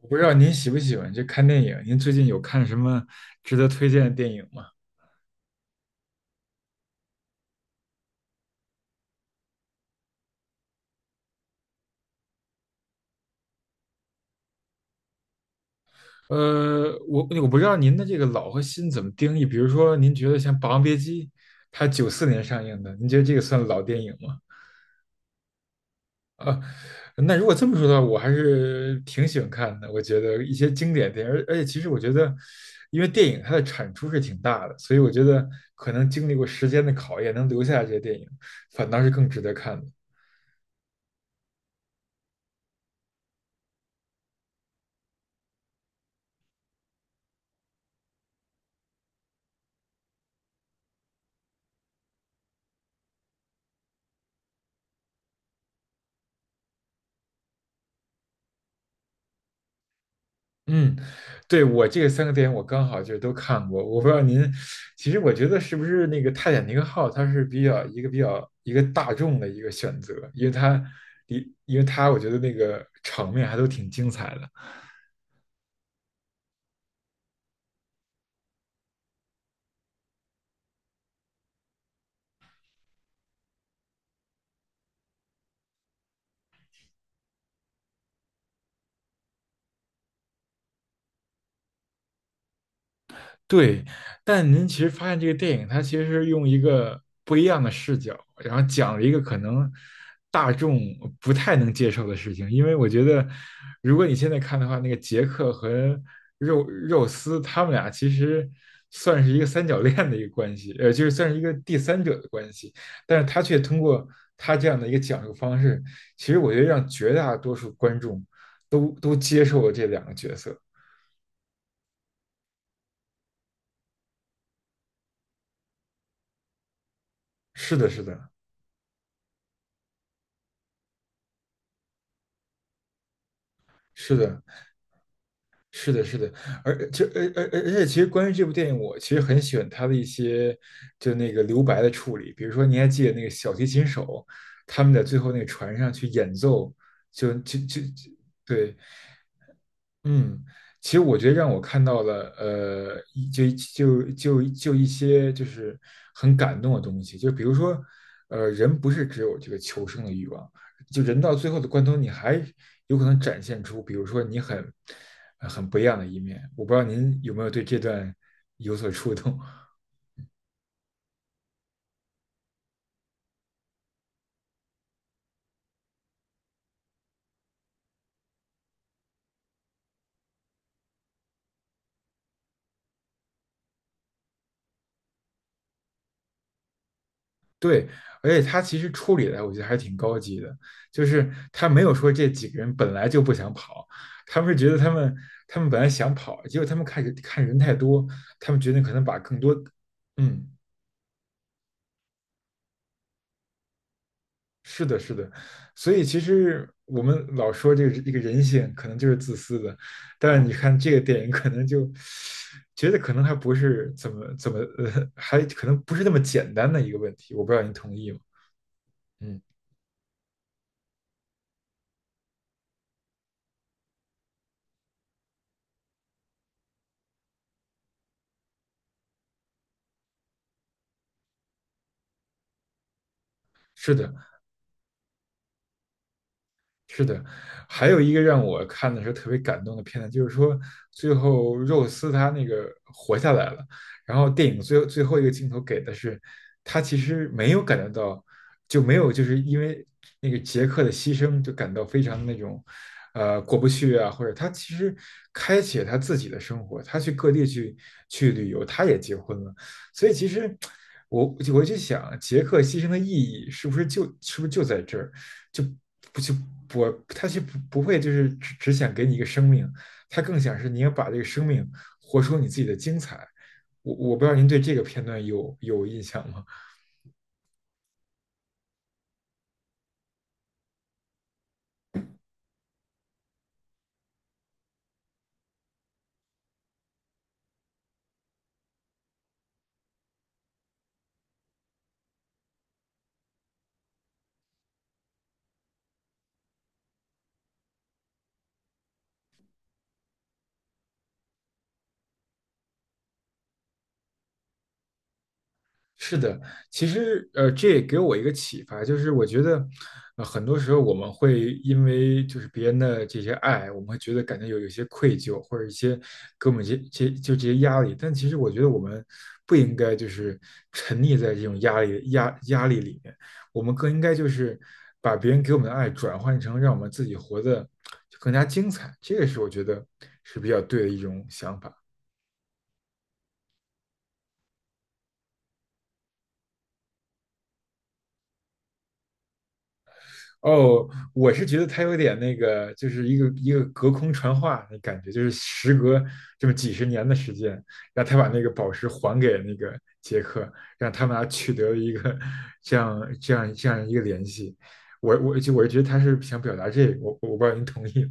我不知道您喜不喜欢这看电影，您最近有看什么值得推荐的电影吗？我不知道您的这个老和新怎么定义，比如说您觉得像《霸王别姬》，它九四年上映的，您觉得这个算老电影吗？啊，那如果这么说的话，我还是挺喜欢看的。我觉得一些经典电影，而且其实我觉得，因为电影它的产出是挺大的，所以我觉得可能经历过时间的考验，能留下来这些电影，反倒是更值得看的。嗯，对，我这个三个电影我刚好就都看过，我不知道您，其实我觉得是不是那个《泰坦尼克号》它是比较一个大众的一个选择，因为它，因为它我觉得那个场面还都挺精彩的。对，但您其实发现这个电影，它其实是用一个不一样的视角，然后讲了一个可能大众不太能接受的事情。因为我觉得，如果你现在看的话，那个杰克和肉丝他们俩其实算是一个三角恋的一个关系，就是算是一个第三者的关系。但是他却通过他这样的一个讲述方式，其实我觉得让绝大多数观众都接受了这两个角色。是的，是的，是的。是的，是的，而就而而而而且，其实关于这部电影，我其实很喜欢它的一些就那个留白的处理。比如说，你还记得那个小提琴手他们在最后那个船上去演奏，就就就就对，嗯，其实我觉得让我看到了，呃，一就就就就一些就是很感动的东西，就比如说，呃，人不是只有这个求生的欲望，就人到最后的关头，你还有可能展现出，比如说你很不一样的一面。我不知道您有没有对这段有所触动。对，而且他其实处理的我觉得还挺高级的，就是他没有说这几个人本来就不想跑，他们是觉得他们本来想跑，结果他们看人太多，他们决定可能把更多，嗯，是的，是的，所以其实我们老说这个人性可能就是自私的，但是你看这个电影可能就觉得可能还不是怎么怎么呃，还可能不是那么简单的一个问题，我不知道您同意吗？嗯，是的，是的，还有一个让我看的时候特别感动的片段，就是说最后肉丝他那个活下来了，然后电影最后一个镜头给的是他其实没有感觉到，就没有就是因为那个杰克的牺牲就感到非常的那种呃过不去啊，或者他其实开启了他自己的生活，他去各地去旅游，他也结婚了，所以其实我我就想杰克牺牲的意义是不是就在这儿？就不就不他就不会就是只想给你一个生命，他更想是你要把这个生命活出你自己的精彩。我不知道您对这个片段有印象吗？是的，其实呃，这也给我一个启发，就是我觉得，呃，很多时候我们会因为就是别人的这些爱，我们会觉得感觉有些愧疚，或者一些给我们这些压力。但其实我觉得我们不应该就是沉溺在这种压力里面，我们更应该就是把别人给我们的爱转换成让我们自己活得就更加精彩，这个是我觉得是比较对的一种想法。哦，我是觉得他有点那个，就是一个隔空传话的感觉，就是时隔这么几十年的时间，让他把那个宝石还给那个杰克，让他们俩取得了一个这样一个联系。我觉得他是想表达这个，我不知道您同意。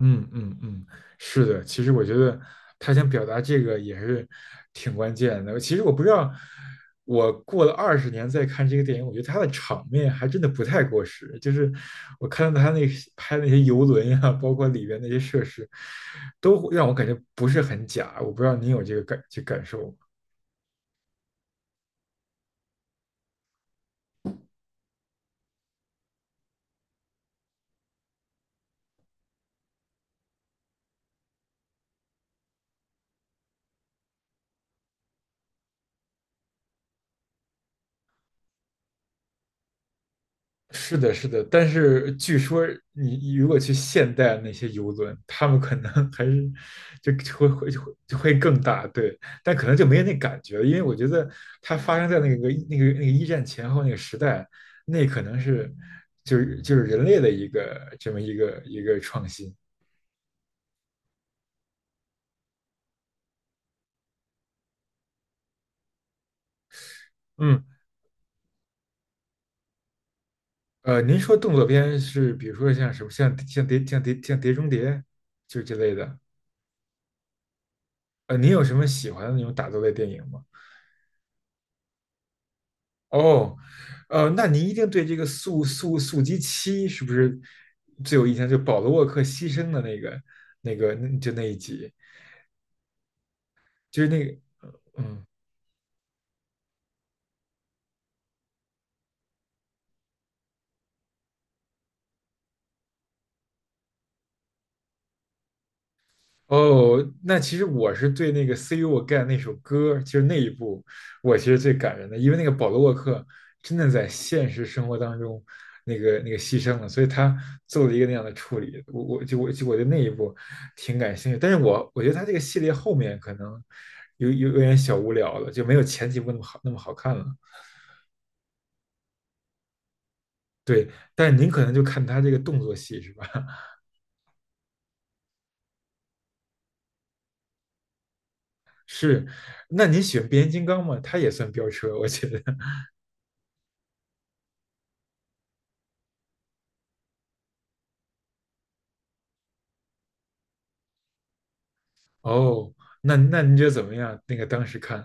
嗯嗯嗯，是的，其实我觉得他想表达这个也是挺关键的。其实我不知道，我过了二十年再看这个电影，我觉得他的场面还真的不太过时。就是我看到他那些拍那些游轮呀、包括里边那些设施，都让我感觉不是很假。我不知道你有这个感受吗？是的，是的，但是据说你如果去现代那些游轮，他们可能 还是就就会会就会就会更大，对，但可能就没有那感觉了，因为我觉得它发生在那个那个一战前后那个时代，那可能是就是人类的一个这么一个创新。嗯，呃，您说动作片是比如说像什么像碟中谍就这类的，呃，您有什么喜欢的那种打斗类电影吗？哦，呃，那您一定对这个速速速激七是不是最有印象？就保罗沃克牺牲的那个、那个、那就那一集，就是那个，嗯。哦，那其实我是对那个《See You Again》那首歌，就是那一部，我其实最感人的，因为那个保罗沃克真的在现实生活当中，那个那个牺牲了，所以他做了一个那样的处理。我对那一部挺感兴趣，但是我觉得他这个系列后面可能有点小无聊了，就没有前几部那么好看了。对，但是您可能就看他这个动作戏是吧？是，那您喜欢变形金刚吗？他也算飙车，我觉得。哦，那您觉得怎么样？那个当时看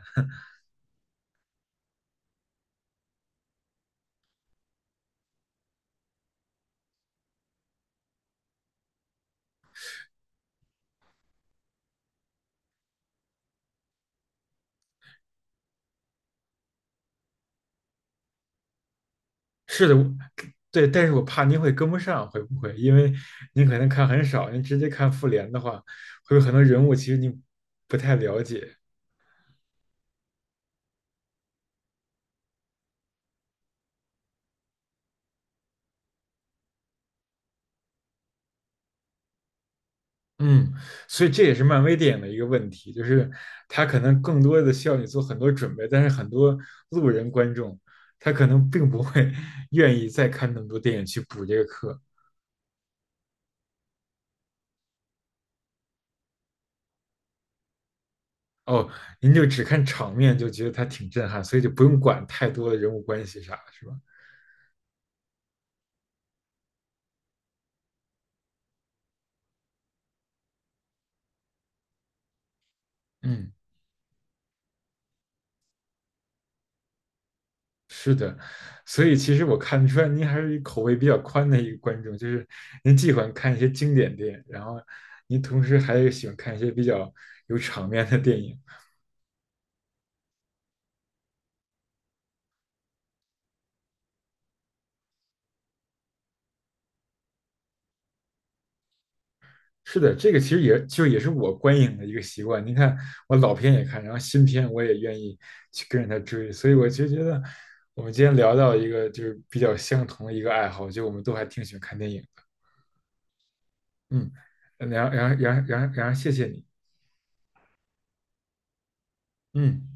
是的，我对，但是我怕您会跟不上，会不会？因为您可能看很少，您直接看复联的话，会有很多人物其实您不太了解。嗯，所以这也是漫威电影的一个问题，就是它可能更多的需要你做很多准备，但是很多路人观众他可能并不会 愿意再看那么多电影去补这个课。哦，您就只看场面就觉得它挺震撼，所以就不用管太多的人物关系啥，是吧？嗯，是的，所以其实我看出来您还是一口味比较宽的一个观众，就是您既喜欢看一些经典电影，然后您同时还喜欢看一些比较有场面的电影。是的，这个其实也是我观影的一个习惯。您看，我老片也看，然后新片我也愿意去跟着他追，所以我就觉得我们今天聊到一个就是比较相同的一个爱好，就我们都还挺喜欢看电影的。嗯，谢谢你。嗯。